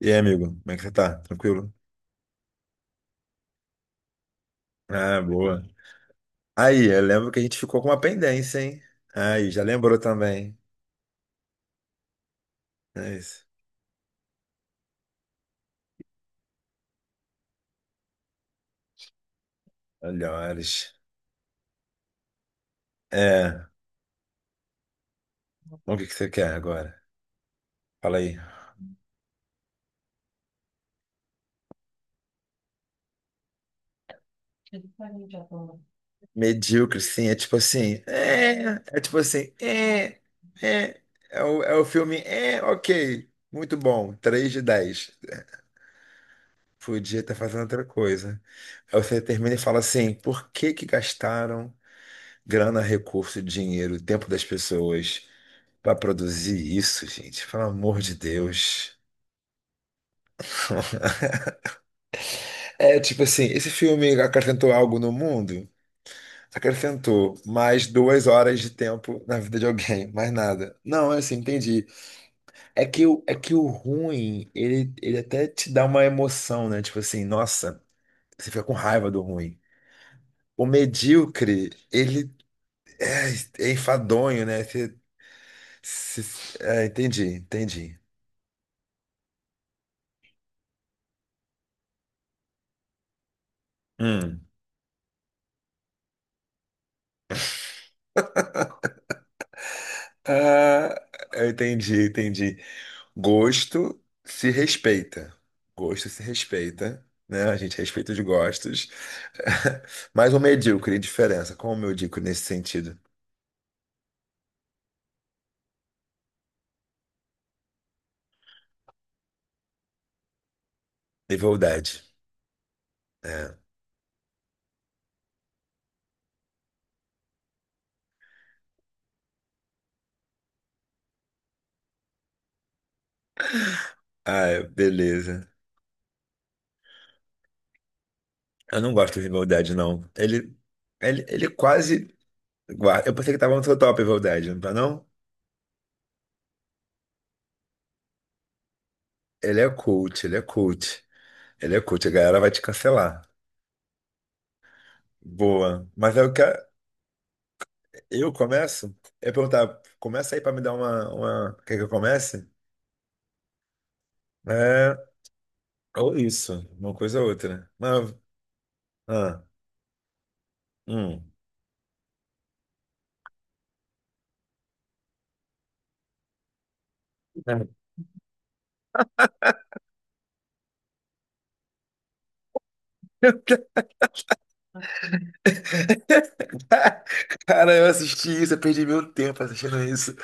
E aí, amigo, como é que você tá? Tranquilo? Ah, boa. Aí, eu lembro que a gente ficou com uma pendência, hein? Aí, já lembrou também. É isso. Melhores. É, bom, o que que você quer agora? Fala aí. Medíocre, sim, é tipo assim. É tipo assim. É. É o filme. É, ok. Muito bom. Três de 10. Podia estar fazendo outra coisa. Aí você termina e fala assim: por que que gastaram grana, recurso, dinheiro, tempo das pessoas? Pra produzir isso, gente, pelo amor de Deus. É, tipo assim, esse filme acrescentou algo no mundo? Acrescentou mais 2 horas de tempo na vida de alguém, mais nada. Não, é assim, entendi. É que o ruim, ele até te dá uma emoção, né? Tipo assim, nossa, você fica com raiva do ruim. O medíocre, ele é enfadonho, né? É, entendi, entendi. Hum. Ah, eu entendi, entendi. Gosto se respeita. Gosto se respeita, né? A gente respeita os gostos. Mas o medíocre, diferença. Qual o medíocre nesse sentido? Rivalidade. É. Ah, é, beleza. Eu não gosto de rivalidade, não. Ele quase. Eu pensei que tava no seu top rivalidade, não tá, não? Ele é cult. Ele é cult, a galera vai te cancelar. Boa. Mas eu quero. Eu começo? Eu ia perguntar, começa aí pra me dar uma. Quer que eu comece? É, ou isso, uma coisa ou outra. Mas, ah, hum. Cara, eu assisti isso, eu perdi meu tempo assistindo isso.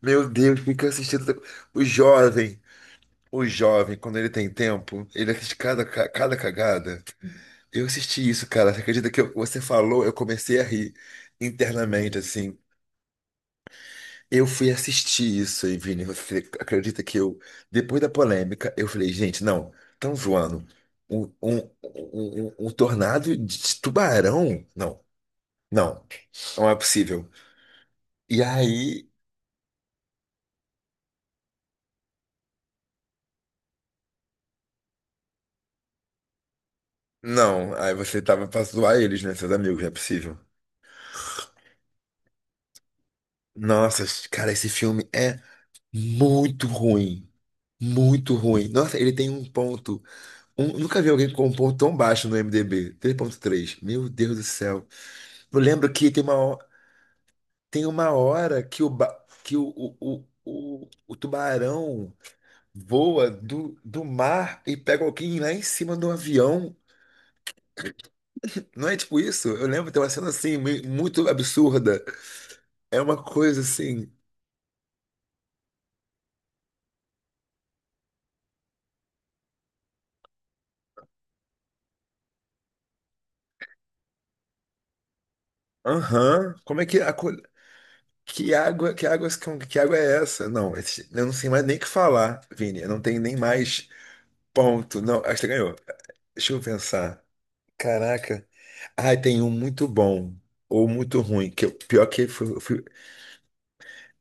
Meu Deus, fica assistindo. O jovem, o jovem, quando ele tem tempo, ele assiste cada cagada. Eu assisti isso, cara. Você falou, eu comecei a rir internamente, assim. Eu fui assistir isso aí, Vini. Você acredita que eu, depois da polêmica, eu falei, gente, não, estão zoando. Um tornado de tubarão? Não, não, não é possível. E aí, não, aí você tava pra zoar eles, né, seus amigos, não é possível. Nossa, cara, esse filme é muito ruim. Muito ruim. Nossa, ele tem um ponto. Nunca vi alguém com um ponto tão baixo no IMDb. 3,3. Meu Deus do céu. Eu lembro que tem uma. Tem uma hora que o, ba- que o tubarão voa do mar e pega alguém lá em cima do avião. Não é tipo isso? Eu lembro, tem uma cena assim, muito absurda. É uma coisa assim. Aham, como é que a co- Que água, que água é essa? Não, eu não sei mais nem o que falar, Vini. Eu não tenho nem mais ponto. Não, acho que você ganhou. Deixa eu pensar. Caraca. Ah, tem um muito bom ou muito ruim. Pior que foi,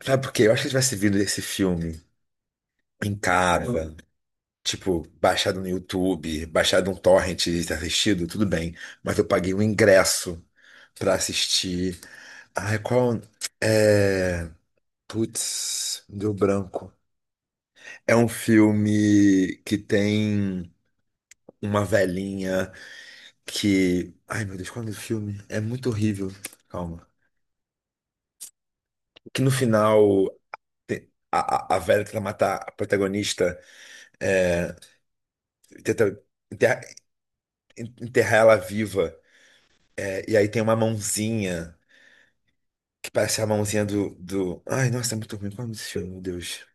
sabe por quê? Eu acho que se tivesse vindo esse filme em casa, hum, tipo, baixado no YouTube, baixado um torrent e assistido, tudo bem. Mas eu paguei um ingresso pra assistir. Ai, qual. É. Putz, deu branco. É um filme que tem uma velhinha que. Ai, meu Deus, qual é o nome do filme? É muito horrível. Calma. Que no final a, a velha tenta matar a protagonista, é, tenta enterra- enterrar ela viva. É, e aí tem uma mãozinha, que parece a mãozinha do... Ai, nossa, é muito ruim. Qual é o nome desse filme, meu Deus?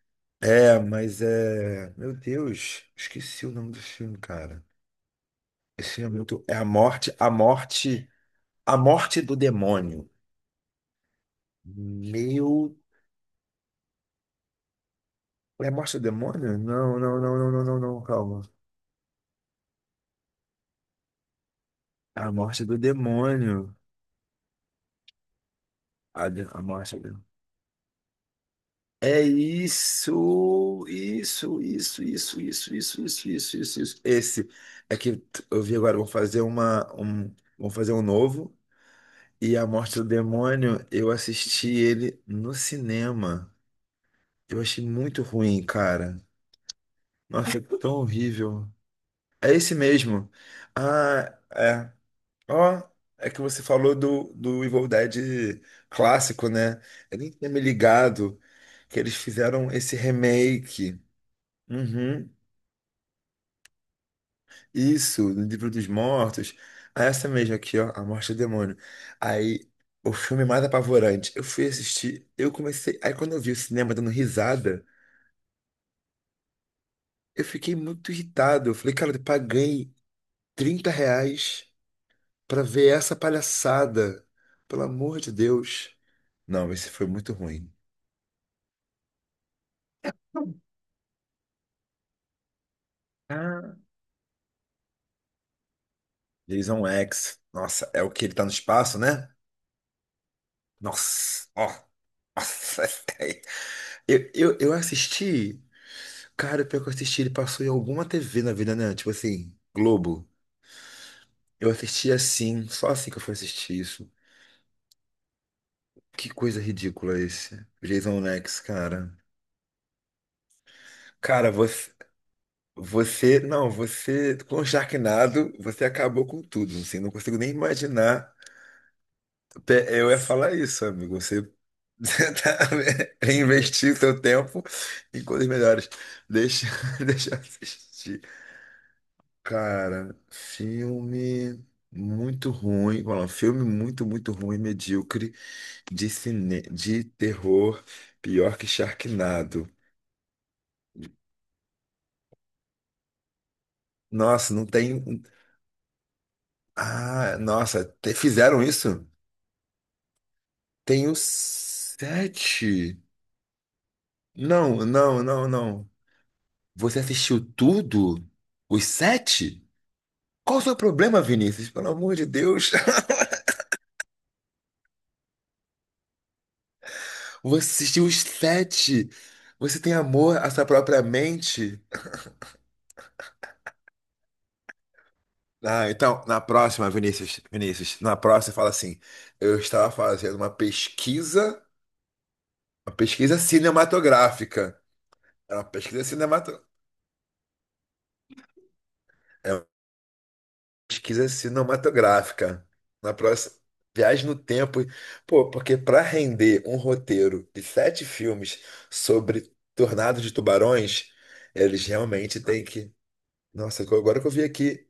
É, mas é... Meu Deus, esqueci o nome do filme, cara. Esse filme é muito... É a morte, a morte, a morte do demônio. Meu... É a morte do demônio? Não, não, não, não, não, não, não, calma. A morte do demônio. A morte. É isso, isso, isso, isso, isso, isso, isso, isso, isso, isso. Esse é eu vi agora, vão fazer vão fazer um novo. E A Morte do Demônio, eu assisti ele no cinema. Eu achei muito ruim, cara. Nossa, é tão horrível. É esse mesmo. Ah, é. Ó, é que você falou do Evil Dead clássico, né? Eu nem tinha me ligado que eles fizeram esse remake. Uhum. Isso, no livro dos mortos. Ah, essa mesmo aqui, ó, A Morte do Demônio. Aí, o filme mais apavorante. Eu fui assistir, eu comecei. Aí, quando eu vi o cinema dando risada, eu fiquei muito irritado. Eu falei, cara, eu paguei R$ 30 pra ver essa palhaçada. Pelo amor de Deus. Não, esse foi muito ruim. Ah. Jason X. Nossa, é o que ele tá no espaço, né? Nossa, ó. Nossa, eu assisti. Cara, pior que eu assisti, ele passou em alguma TV na vida, né? Tipo assim, Globo. Eu assisti assim, só assim que eu fui assistir isso. Que coisa ridícula esse. Jason Lex, cara. Cara, você. Você. Não, você. Com o Sharknado, você acabou com tudo. Assim, não consigo nem imaginar. Eu ia falar isso, amigo. Você. Você tá investir seu tempo em coisas melhores. Deixa, deixa eu assistir. Cara, filme muito ruim, vamos lá, filme muito ruim, medíocre de terror, pior que Sharknado. Nossa, não tem. Um, nossa, fizeram isso? Tem os sete. Não, não, não, não. Você assistiu tudo? Os sete? Qual o seu problema, Vinícius? Pelo amor de Deus. Você assistiu os sete. Você tem amor à sua própria mente? Ah, então, na próxima, Vinícius, na próxima fala assim: eu estava fazendo uma pesquisa cinematográfica. É uma pesquisa cinemato... é uma pesquisa cinematográfica. Na próxima, viagem no tempo. Pô, porque para render um roteiro de 7 filmes sobre Tornado de Tubarões, eles realmente têm que. Nossa, agora que eu vi aqui.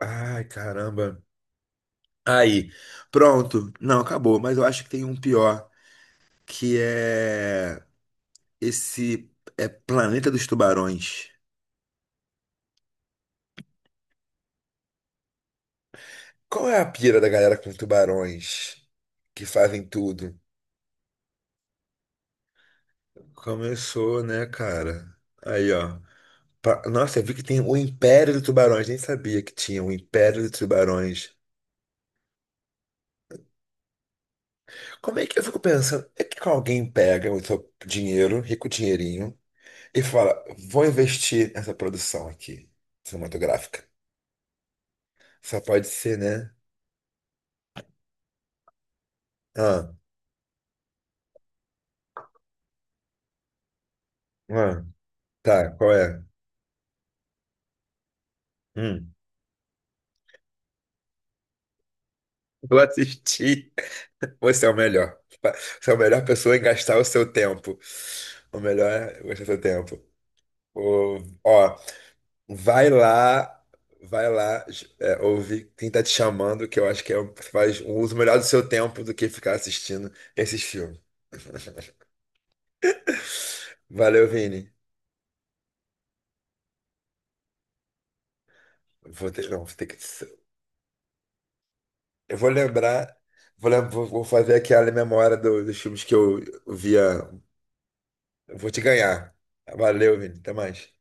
Ai, caramba. Aí, pronto. Não, acabou, mas eu acho que tem um pior, que é esse, é Planeta dos Tubarões. Qual é a pira da galera com tubarões que fazem tudo? Começou, né, cara? Aí, ó. Nossa, eu vi que tem o Império dos Tubarões, nem sabia que tinha o Império dos Tubarões. Como é que eu fico pensando? É que alguém pega o seu dinheiro, rico dinheirinho, e fala: vou investir nessa produção aqui, cinematográfica. Só pode ser, né? Ah, ah, tá, qual é? Hum. Eu assisti. Você é o melhor. Você é a melhor pessoa em gastar o seu tempo. O melhor é gastar o seu tempo. Ô, ó, vai lá, vai lá, é, ouvir quem tá te chamando, que eu acho que faz um uso melhor do seu tempo do que ficar assistindo esses filmes. Valeu, Vini. Vou ter, não, vou ter que. Eu vou lembrar, vou, lem- vou vou fazer aquela memória dos filmes que eu via. Eu vou te ganhar. Valeu, Vini. Até mais.